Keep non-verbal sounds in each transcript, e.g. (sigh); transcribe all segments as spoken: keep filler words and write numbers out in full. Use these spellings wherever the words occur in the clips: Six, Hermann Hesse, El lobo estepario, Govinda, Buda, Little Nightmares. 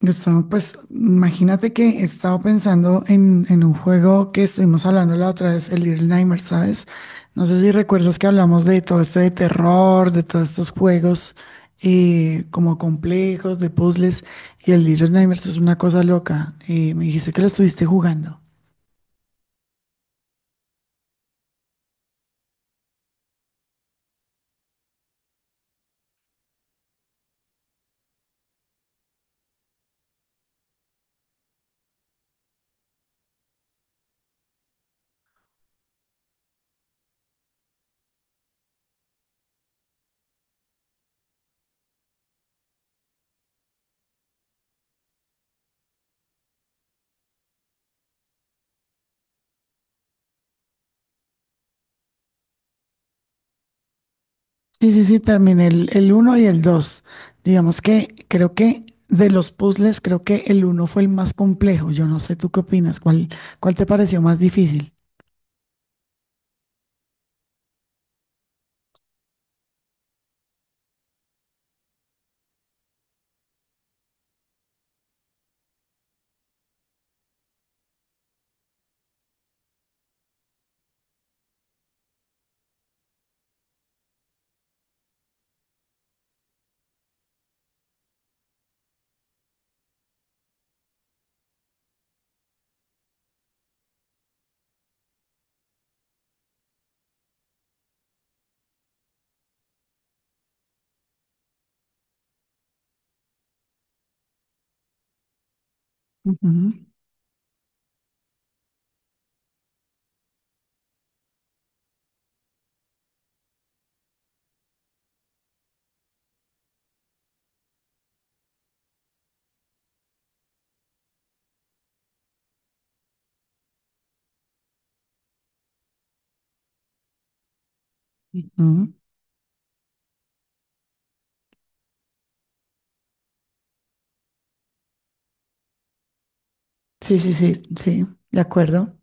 Gustavo, pues imagínate que he estado pensando en, en un juego que estuvimos hablando la otra vez, el Little Nightmares, ¿sabes? No sé si recuerdas que hablamos de todo esto de terror, de todos estos juegos eh, como complejos, de puzzles, y el Little Nightmares es una cosa loca. Eh, me dijiste que lo estuviste jugando. Sí, sí, sí, terminé el, el uno y el dos. Digamos que creo que de los puzzles, creo que el uno fue el más complejo. Yo no sé tú qué opinas, ¿cuál, ¿cuál te pareció más difícil? Ujú. Mm. Sí, sí, sí, sí, de acuerdo.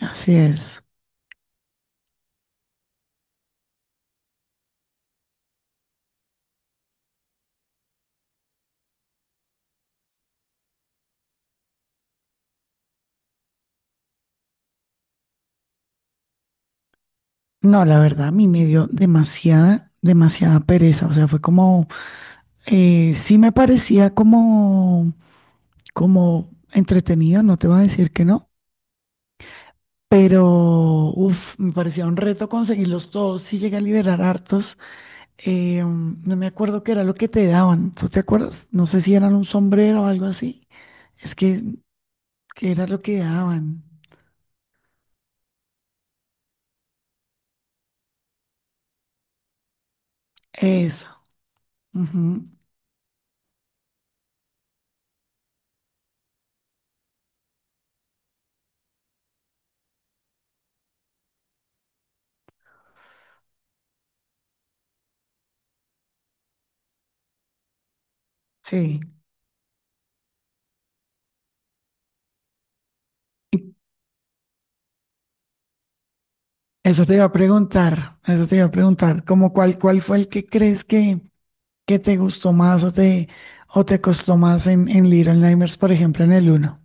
Así es. No, la verdad, a mí me dio demasiada, demasiada pereza. O sea, fue como, eh, sí me parecía como, como entretenido, no te voy a decir que no, pero, uff, me parecía un reto conseguirlos todos. Sí llegué a liberar hartos. Eh, mm, no me acuerdo qué era lo que te daban. ¿Tú te acuerdas? No sé si eran un sombrero o algo así. Es que, que era lo que daban. Eso, ujú. Sí. Eso te iba a preguntar, eso te iba a preguntar, como cuál, cuál fue el que crees que, que te gustó más o te, o te costó más en, en Little Nightmares, por ejemplo, ¿en el uno?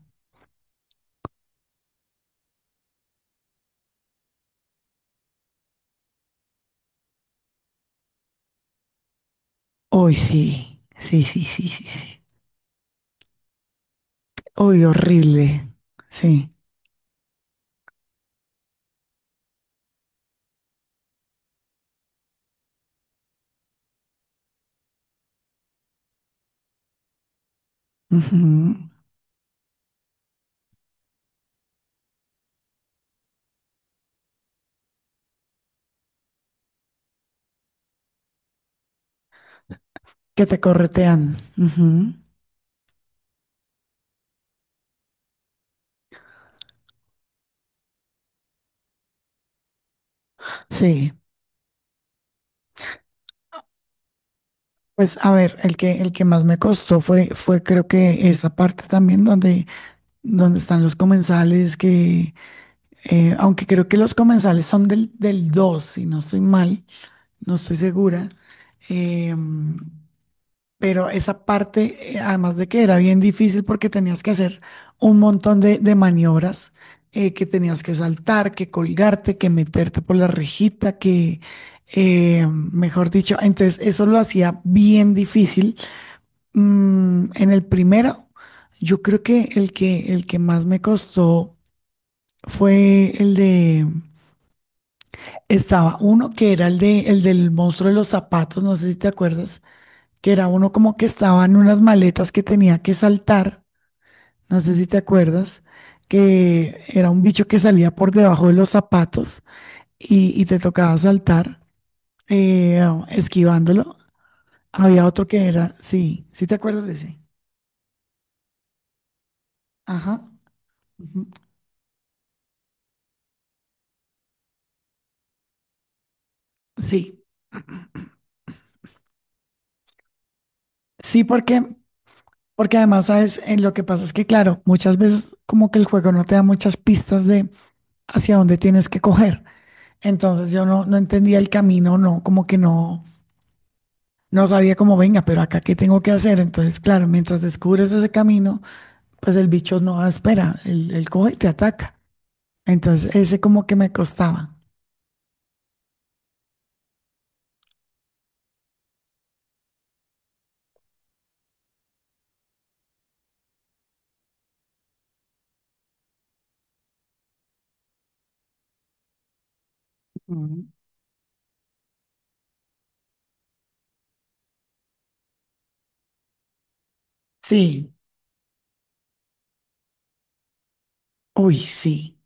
Uy, sí, sí, sí, sí, sí, sí. Uy, horrible. Sí. Ujú. Que te corretean. Ujú. Sí. Pues a ver, el que, el que más me costó fue, fue creo que esa parte también donde, donde están los comensales, que eh, aunque creo que los comensales son del, del dos, si no estoy mal, no estoy segura. Em, pero esa parte, eh, además de que era bien difícil porque tenías que hacer un montón de, de maniobras, eh, que tenías que saltar, que colgarte, que meterte por la rejita, que, eh, mejor dicho, entonces eso lo hacía bien difícil. Mm, en el primero, yo creo que el que, el que más me costó fue el de, estaba uno que era el de, el del monstruo de los zapatos, no sé si te acuerdas, que era uno como que estaba en unas maletas que tenía que saltar, no sé si te acuerdas, que era un bicho que salía por debajo de los zapatos y, y te tocaba saltar eh, esquivándolo. Había otro que era, sí, sí te acuerdas de ese. Ajá, ujú. Sí, sí, porque, porque además, ¿sabes? Eh, lo que pasa es que, claro, muchas veces como que el juego no te da muchas pistas de hacia dónde tienes que coger. Entonces yo no, no entendía el camino, no, como que no. No sabía cómo, venga, pero acá qué tengo que hacer. Entonces, claro, mientras descubres ese camino, pues el bicho no da espera, él, él coge y te ataca. Entonces, ese como que me costaba. Ujú. Sí, uy, sí.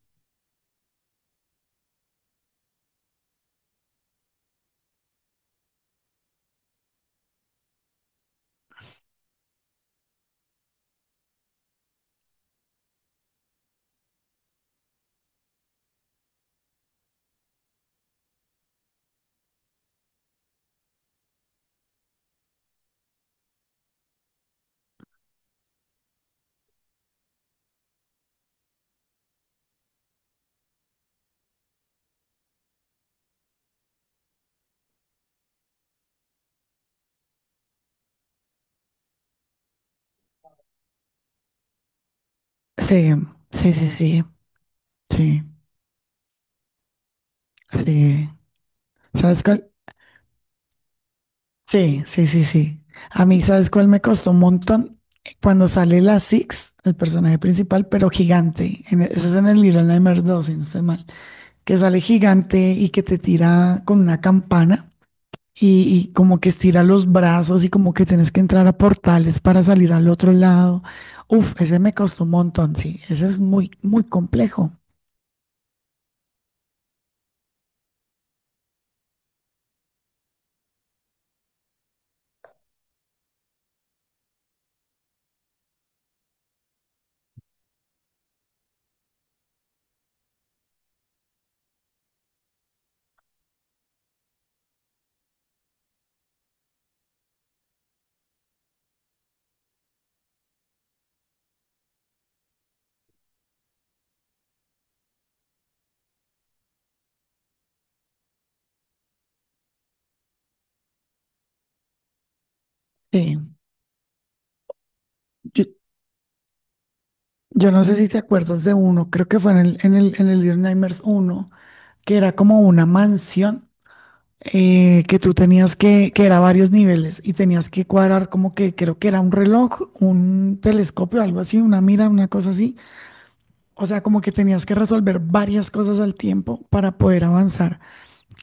Sí, sí, sí, sí, sí, sí. ¿Sabes cuál? Sí, sí, sí, sí. A mí, ¿sabes cuál me costó un montón? Cuando sale la Six, el personaje principal, pero gigante. En- e, ese es en el Little Nightmares dos, si no estoy mal. Que sale gigante y que te tira con una campana, y, y como que estira los brazos y como que tienes que entrar a portales para salir al otro lado. Uf, ese me costó un montón, sí, ese es muy, muy complejo. Sí, yo, yo no sé si te acuerdas de uno, creo que fue en el, en el, en el Little Nightmares uno, que era como una mansión, eh, que tú tenías que, que era varios niveles y tenías que cuadrar como que creo que era un reloj, un telescopio, algo así, una mira, una cosa así. O sea, como que tenías que resolver varias cosas al tiempo para poder avanzar.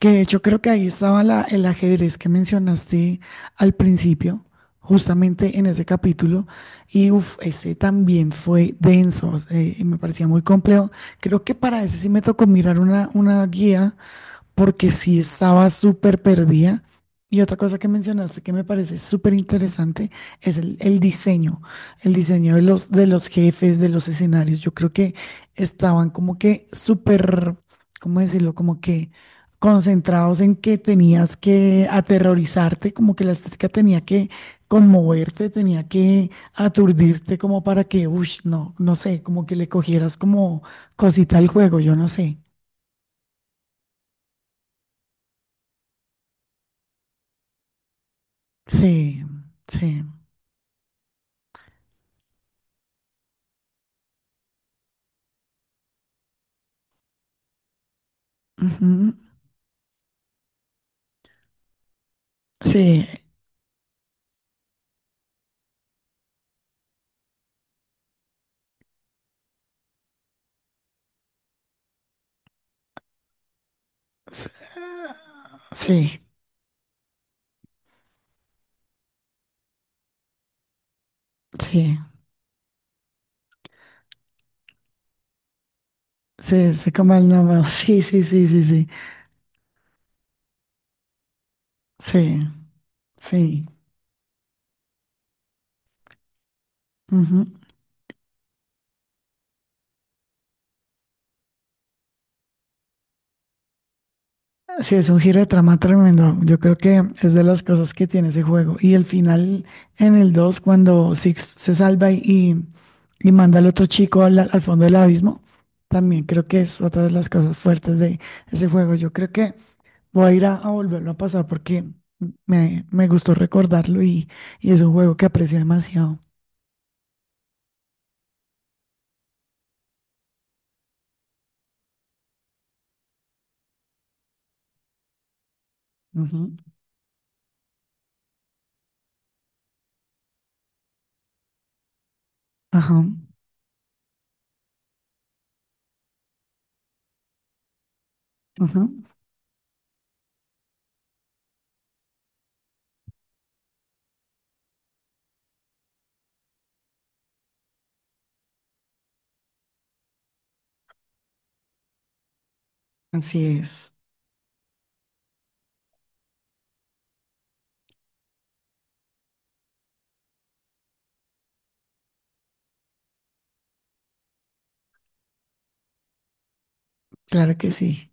Que de hecho creo que ahí estaba la, el ajedrez que mencionaste al principio, justamente en ese capítulo. Y uff, ese también fue denso, eh, y me parecía muy complejo. Creo que para ese sí me tocó mirar una, una guía porque sí estaba súper perdida. Y otra cosa que mencionaste que me parece súper interesante es el, el diseño, el diseño de los, de los jefes, de los escenarios. Yo creo que estaban como que súper, ¿cómo decirlo? Como que concentrados en que tenías que aterrorizarte, como que la estética tenía que conmoverte, tenía que aturdirte como para que, uy, no, no sé, como que le cogieras como cosita al juego, yo no sé. Sí, sí. Ujú. Sí, s- sí, sí, sí, sé como el nombre. (laughs) Sí, sí, sí, sí, sí, sí, sí. Ujú. Sí, es un giro de trama tremendo. Yo creo que es de las cosas que tiene ese juego. Y el final en el dos, cuando Six se salva y, y manda al otro chico al, al fondo del abismo, también creo que es otra de las cosas fuertes de ese juego. Yo creo que voy a ir a, a volverlo a pasar porque me, me gustó recordarlo y, y es un juego que aprecio demasiado. Ujú. Ajá, ajá. Así es. Claro que sí.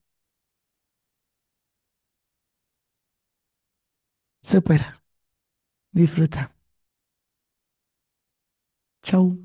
Supera. Disfruta. Chau.